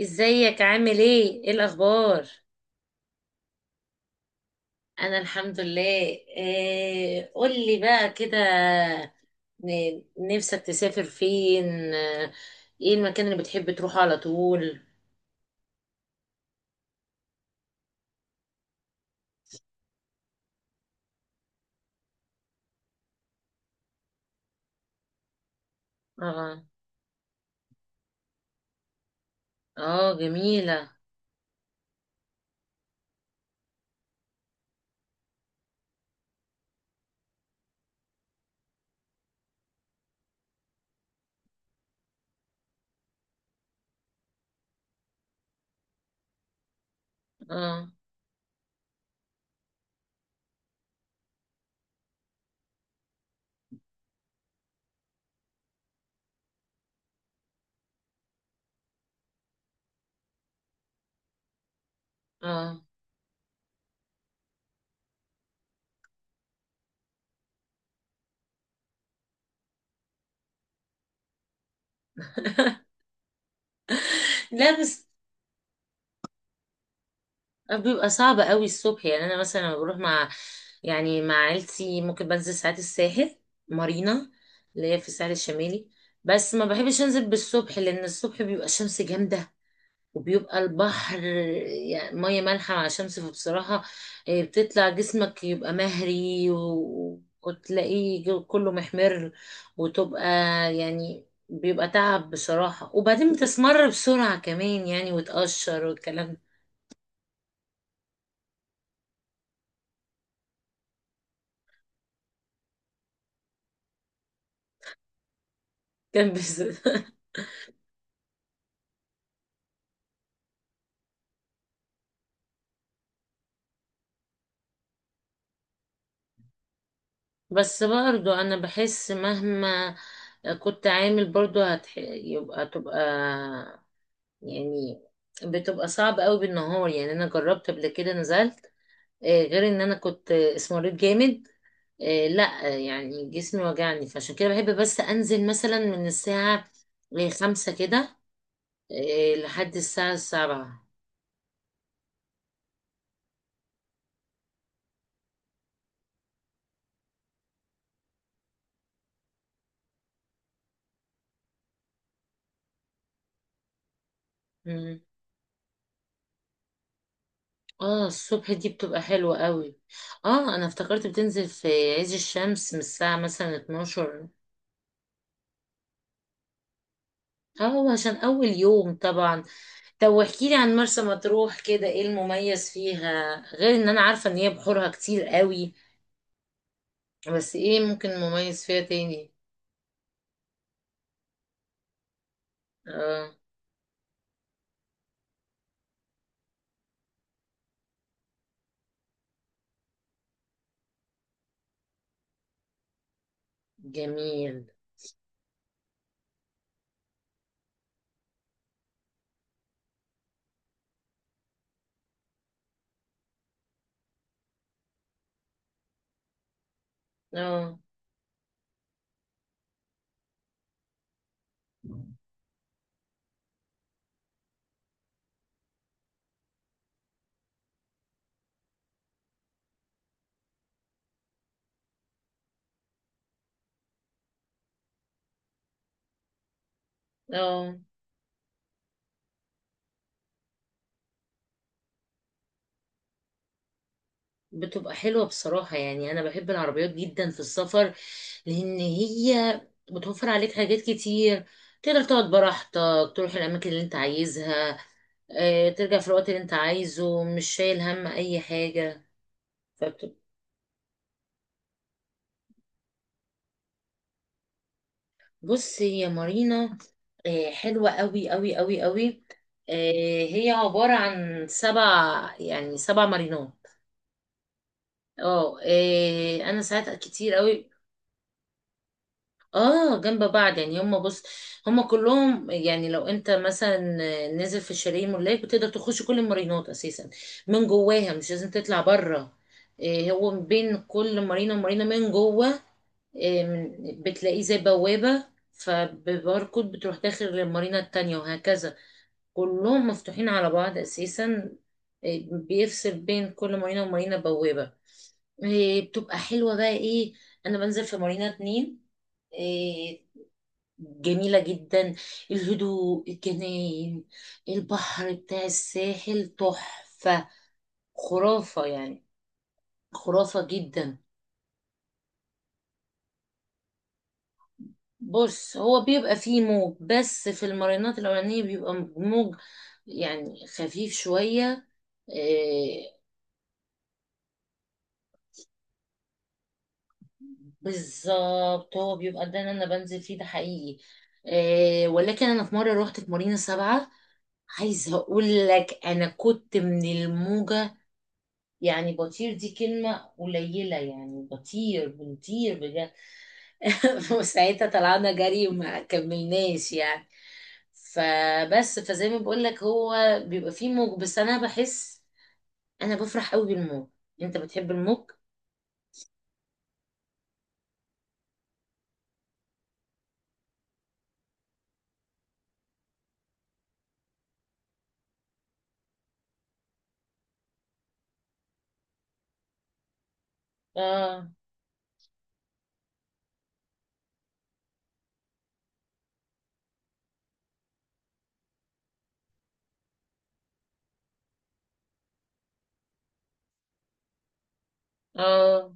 ازيك؟ عامل ايه؟ ايه الاخبار؟ انا الحمد لله. إيه قولي بقى كده. نفسك تسافر فين؟ ايه المكان اللي بتحب تروحه على طول؟ اه. اه، جميلة. اه. اه. لا بس بيبقى صعب قوي الصبح. يعني انا مثلا لما بروح مع يعني مع عيلتي، ممكن بنزل ساعات الساحل، مارينا اللي هي في الساحل الشمالي. بس ما بحبش انزل بالصبح، لان الصبح بيبقى الشمس جامدة، وبيبقى البحر يعني مية مالحة مع شمس. فبصراحة إيه، بتطلع جسمك يبقى مهري وتلاقيه كله محمر، وتبقى يعني بيبقى تعب بصراحة، وبعدين بتسمر بسرعة كمان يعني، وتقشر والكلام ده. كان بس بس برضو أنا بحس مهما كنت عامل برضو يبقى تبقى يعني، بتبقى صعب قوي بالنهار. يعني أنا جربت قبل كده نزلت، غير ان انا كنت اسمريت جامد، لا، يعني جسمي وجعني. فعشان كده بحب بس انزل مثلا من الساعة 5 كده لحد الساعة 7. مم. اه، الصبح دي بتبقى حلوة قوي. اه، انا افتكرت بتنزل في عز الشمس من الساعة مثلا 12. اه، عشان اول يوم طبعا. طب واحكيلي عن مرسى مطروح كده، ايه المميز فيها غير ان انا عارفة ان هي بحورها كتير قوي؟ بس ايه ممكن مميز فيها تاني؟ اه، جميل. اه. اه، بتبقى حلوة بصراحة. يعني أنا بحب العربيات جدا في السفر، لأن هي بتوفر عليك حاجات كتير. تقدر تقعد براحتك، تروح الأماكن اللي أنت عايزها، ترجع في الوقت اللي أنت عايزه، مش شايل هم أي حاجة. فبت- بص، هي مارينا حلوة أوي أوي أوي أوي. هي عبارة عن سبع يعني سبع مارينات. اه. إيه انا ساعات كتير قوي. اه، جنب بعض. يعني بص هم كلهم، يعني لو انت مثلا نزل في الشاليه ملاك بتقدر تخش كل المارينات اساسا من جواها، مش لازم تطلع بره. إيه هو بين كل مارينا ومارينا من جوه، إيه بتلاقيه زي بوابة، فبباركود بتروح داخل للمارينا التانية وهكذا. كلهم مفتوحين على بعض اساسا. إيه بيفصل بين كل مارينا ومارينا بوابة. إيه بتبقى حلوة بقى ايه، انا بنزل في مارينا اتنين آه، جميلة جدا. الهدوء، الجناين، البحر بتاع الساحل تحفة، خرافة يعني، خرافة جدا. بص هو بيبقى فيه موج بس في المارينات الأولانية بيبقى موج يعني خفيف شوية. آه. بالظبط، هو بيبقى ده اللي أنا بنزل فيه ده حقيقي. ولكن أنا في مرة روحت في مارينا سبعة. عايزة أقول لك أنا كنت من الموجة يعني بطير. دي كلمة قليلة، يعني بطير بنطير بجد. وساعتها طلعنا جري وما كملناش يعني. فبس، فزي ما بقول لك هو بيبقى فيه موج، بس انا بفرح قوي بالموج. انت بتحب الموج؟ اه. اه.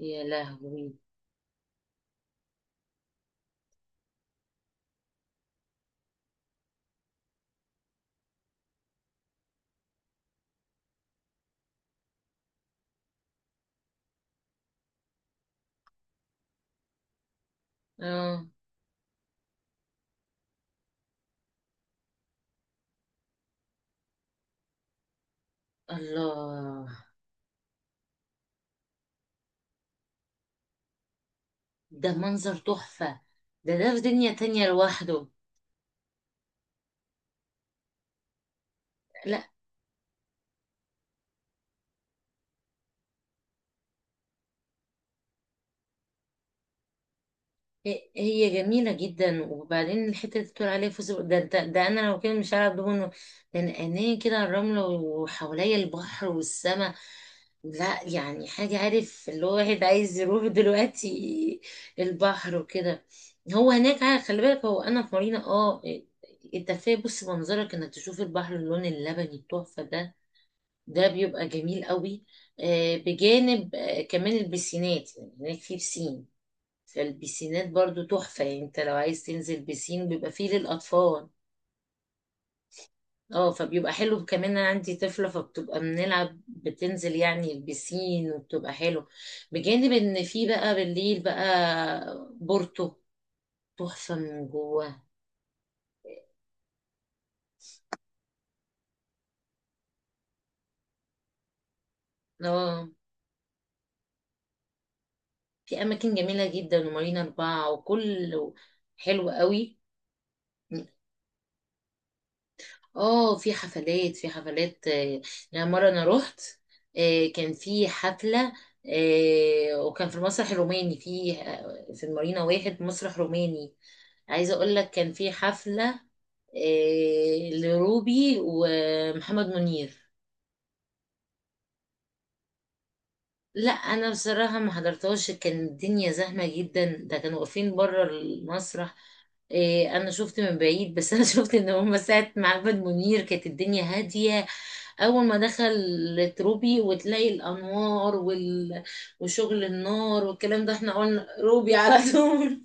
يا لهوي. اه. الله، ده منظر تحفة. ده في دنيا تانية لوحده. لا هي جميلة جدا، وبعدين الحتة اللي بتقول عليها فوز ده، أنا لو كده مش هعرف دوبه، لأن عينيه كده على الرملة وحواليا البحر والسماء. لا يعني حاجة، عارف اللي هو واحد عايز يروح دلوقتي البحر وكده. هو هناك، عارف خلي بالك، هو أنا في مارينا اه، انت كفاية بص منظرك انك تشوف البحر، اللون اللبني التحفة ده، ده بيبقى جميل قوي. بجانب كمان البسينات، يعني هناك في بسين. فالبيسينات برضو تحفة. يعني انت لو عايز تنزل بيسين بيبقى فيه للأطفال. اه، فبيبقى حلو كمان. انا عندي طفلة فبتبقى بنلعب، بتنزل يعني البيسين، وبتبقى حلو. بجانب ان في بقى بالليل بقى بورتو تحفة من جوه. اه، في اماكن جميلة جدا، ومارينا اربعة وكل، حلو قوي. اه، في حفلات، في حفلات يعني مرة انا رحت، كان في حفلة وكان في المسرح الروماني، في المارينا واحد مسرح روماني. عايزة اقول لك كان في حفلة لروبي ومحمد منير. لا انا بصراحه ما حضرتهاش، كان الدنيا زحمه جدا، ده كانوا واقفين بره المسرح. إيه انا شفت من بعيد بس انا شفت ان هم ساعه معبد منير كانت الدنيا هاديه. اول ما دخل روبي وتلاقي الانوار وشغل النار والكلام ده، احنا قلنا روبي على طول.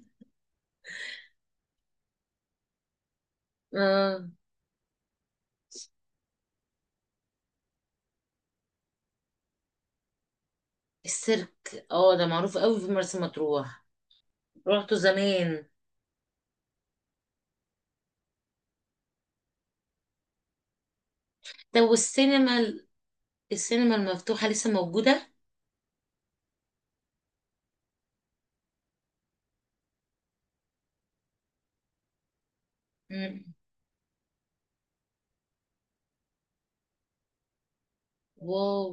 آه السيرك، اه ده معروف قوي في مرسى مطروح. روحته زمان. طب والسينما، السينما المفتوحه لسه موجوده؟ مم. واو،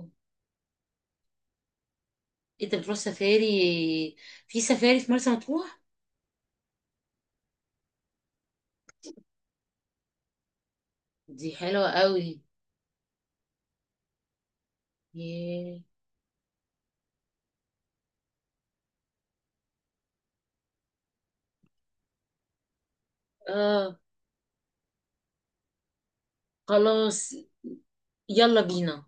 انت بتروح سفاري في مرسى مطروح؟ دي حلوة قوي. ياه. اه، خلاص. يلا بينا.